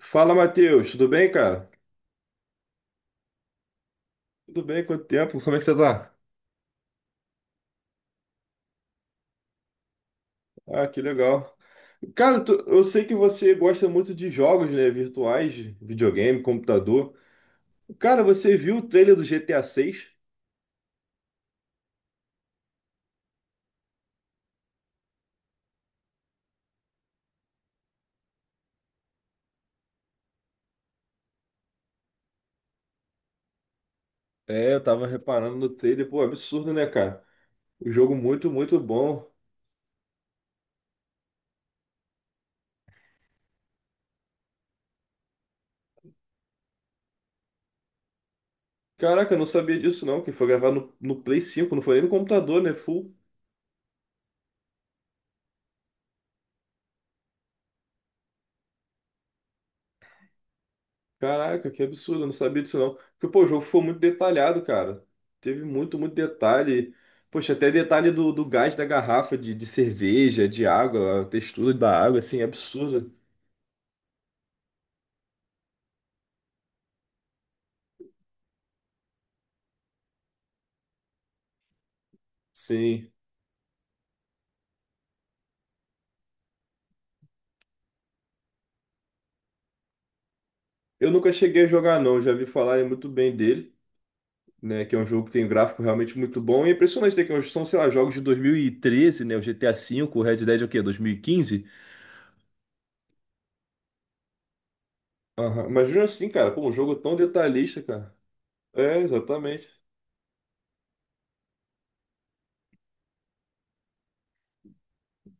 Fala, Matheus, tudo bem, cara? Tudo bem, quanto tempo? Como é que você tá? Ah, que legal. Cara, eu sei que você gosta muito de jogos, né, virtuais, videogame, computador. Cara, você viu o trailer do GTA 6? É, eu tava reparando no trailer, pô, absurdo, né, cara? O jogo muito, muito bom. Caraca, eu não sabia disso não, que foi gravado no Play 5, não foi nem no computador, né? Full. Caraca, que absurdo, eu não sabia disso não. Porque, pô, o jogo foi muito detalhado, cara. Teve muito, muito detalhe. Poxa, até detalhe do gás da garrafa de cerveja, de água, a textura da água, assim, é absurdo. Sim. Eu nunca cheguei a jogar, não. Já vi falar muito bem dele, né? Que é um jogo que tem um gráfico realmente muito bom. E é impressionante ter que é um, são, sei lá, jogos de 2013, né? O GTA V, o Red Dead é o quê? 2015? Aham. Imagina assim, cara, pô, um jogo tão detalhista, cara. É, exatamente.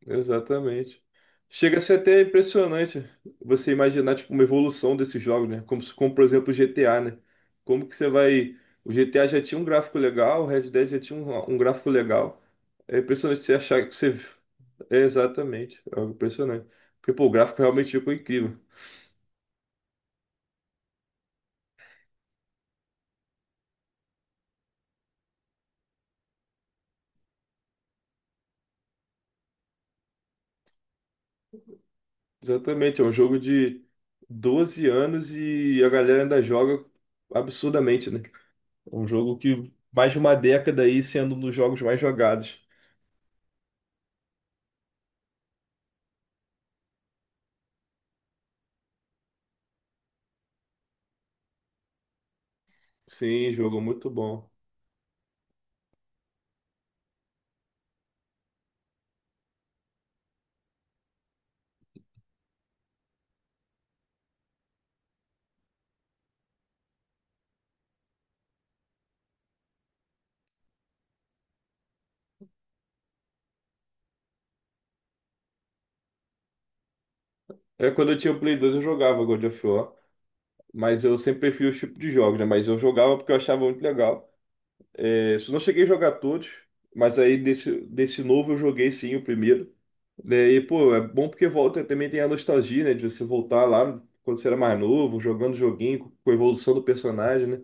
Exatamente. Chega a ser até impressionante você imaginar tipo uma evolução desses jogos, né? Como, como por exemplo o GTA, né? Como que você vai. O GTA já tinha um gráfico legal, o Red Dead já tinha um gráfico legal. É impressionante você achar que você. É, exatamente, é algo impressionante. Porque, pô, o gráfico realmente ficou incrível. Exatamente, é um jogo de 12 anos e a galera ainda joga absurdamente, né? É um jogo que mais de uma década aí sendo um dos jogos mais jogados. Sim, jogo muito bom. É, quando eu tinha o Play 2, eu jogava God of War, mas eu sempre prefiro os tipos de jogos, né? Mas eu jogava porque eu achava muito legal. É, só não cheguei a jogar todos, mas aí desse novo eu joguei sim o primeiro. Né? E, pô, é bom porque volta também tem a nostalgia, né? De você voltar lá quando você era mais novo, jogando joguinho, com a evolução do personagem, né?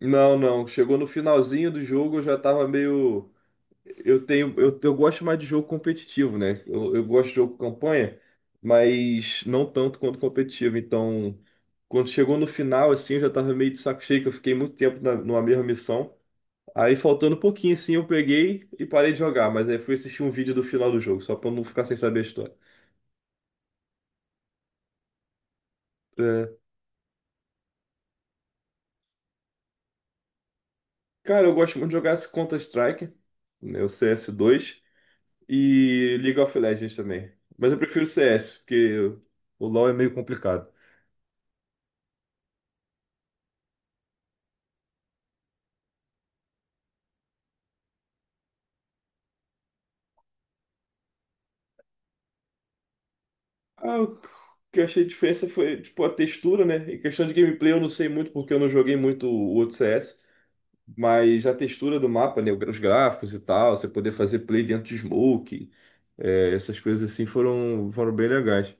Não, não. Chegou no finalzinho do jogo, eu já tava meio. Eu gosto mais de jogo competitivo, né? Eu gosto de jogo campanha, mas não tanto quanto competitivo. Então, quando chegou no final, assim, eu já tava meio de saco cheio, que eu fiquei muito tempo na, numa mesma missão. Aí, faltando um pouquinho, assim, eu peguei e parei de jogar, mas aí fui assistir um vídeo do final do jogo, só pra eu não ficar sem saber a história. É, cara, eu gosto muito de jogar esse Counter-Strike, né? O CS2 e League of Legends também. Mas eu prefiro o CS, porque o LoL é meio complicado. Ah, o que eu achei de diferença foi, tipo, a textura, né? Em questão de gameplay, eu não sei muito porque eu não joguei muito o outro CS, mas a textura do mapa, né? Os gráficos e tal, você poder fazer play dentro de smoke, é, essas coisas assim foram, foram bem legais.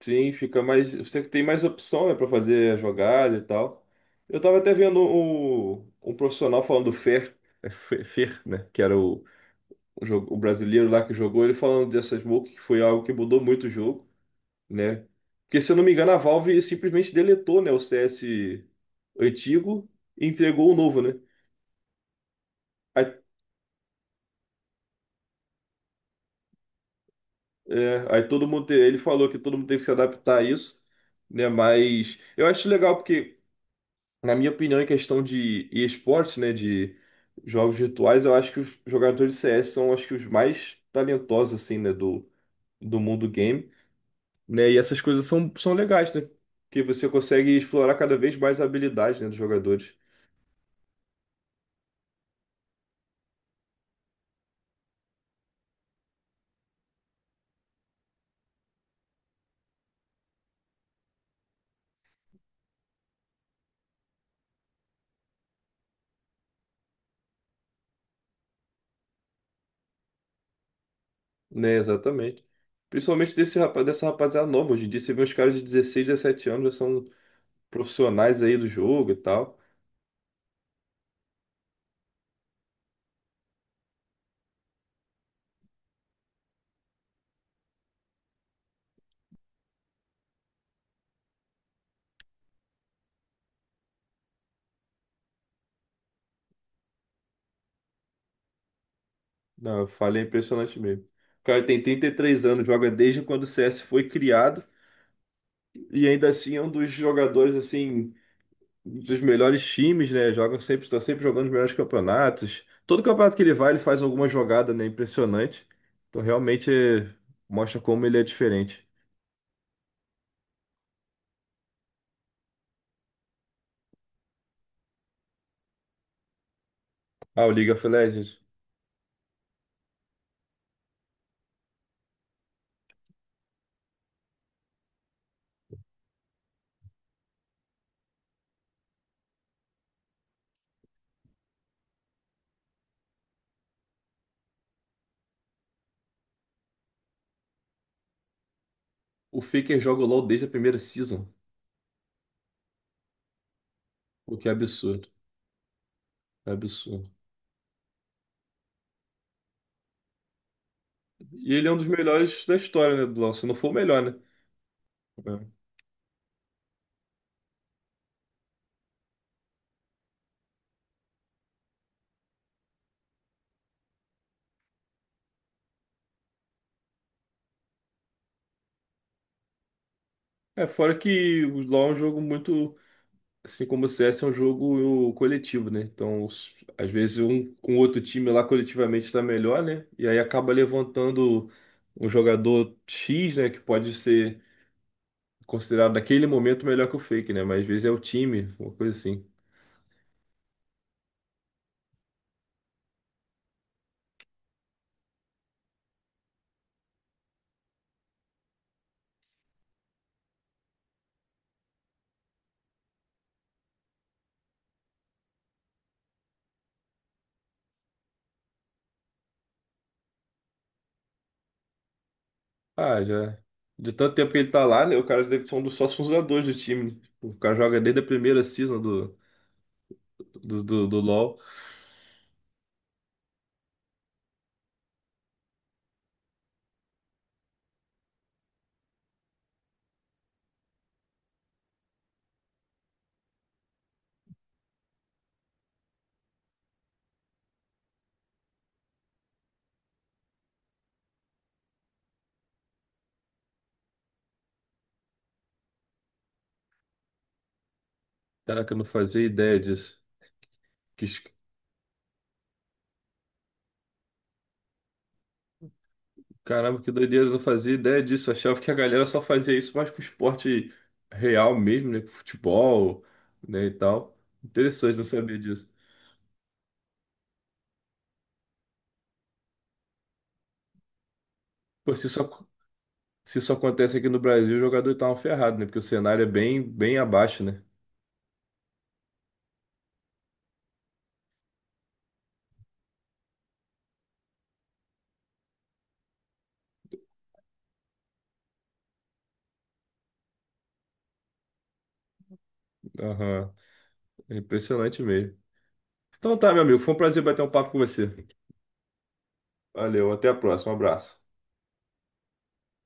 Sim, fica mais. Você tem mais opção, né, pra fazer a jogada e tal. Eu tava até vendo um profissional falando do Fer, Fer, né? Que era jogo, o brasileiro lá que jogou, ele falando dessa smoke, que foi algo que mudou muito o jogo, né? Porque, se eu não me engano, a Valve simplesmente deletou, né, o CS antigo e entregou o novo, né? Aí, é, aí todo mundo, ele falou que todo mundo teve que se adaptar a isso, né? Mas eu acho legal porque, na minha opinião, em questão de esportes, né, de jogos virtuais, eu acho que os jogadores de CS são, acho que, os mais talentosos, assim, né, do, do mundo game, né? E essas coisas são, são legais, né? Porque você consegue explorar cada vez mais a habilidade, né, dos jogadores. Né, exatamente. Principalmente desse rapaz, dessa rapaziada nova. Hoje em dia você vê uns caras de 16, 17 anos, já são profissionais aí do jogo e tal. Não, eu falei, é impressionante mesmo. O cara tem 33 anos, joga desde quando o CS foi criado e ainda assim é um dos jogadores assim dos melhores times, né? Joga sempre, está sempre jogando os melhores campeonatos. Todo campeonato que ele vai, ele faz alguma jogada, né? Impressionante. Então realmente é, mostra como ele é diferente. Ah, o League of Legends. O Faker joga o LoL desde a primeira season. O que é absurdo. É absurdo. E ele é um dos melhores da história, né, do LoL, se não for o melhor, né? Fora que o LoL é um jogo muito, assim como o CS é um jogo coletivo, né? Então, às vezes um com outro time lá coletivamente está melhor, né? E aí acaba levantando um jogador X, né, que pode ser considerado naquele momento melhor que o Fake, né? Mas às vezes é o time, uma coisa assim. Ah, já de tanto tempo que ele tá lá, né? O cara deve ser um dos sócios fundadores do time. Né? O cara joga desde a primeira season do LoL. Caraca, eu não fazia ideia disso. Que, caramba, que doideira, eu não fazia ideia disso. Eu achava que a galera só fazia isso mais com esporte real mesmo, né? Com futebol, né, e tal. Interessante, não sabia disso. Pô, se isso acontece aqui no Brasil, o jogador tá um ferrado, né? Porque o cenário é bem, bem abaixo, né? Aham. É impressionante mesmo. Então tá, meu amigo, foi um prazer bater um papo com você. Valeu, até a próxima, um abraço.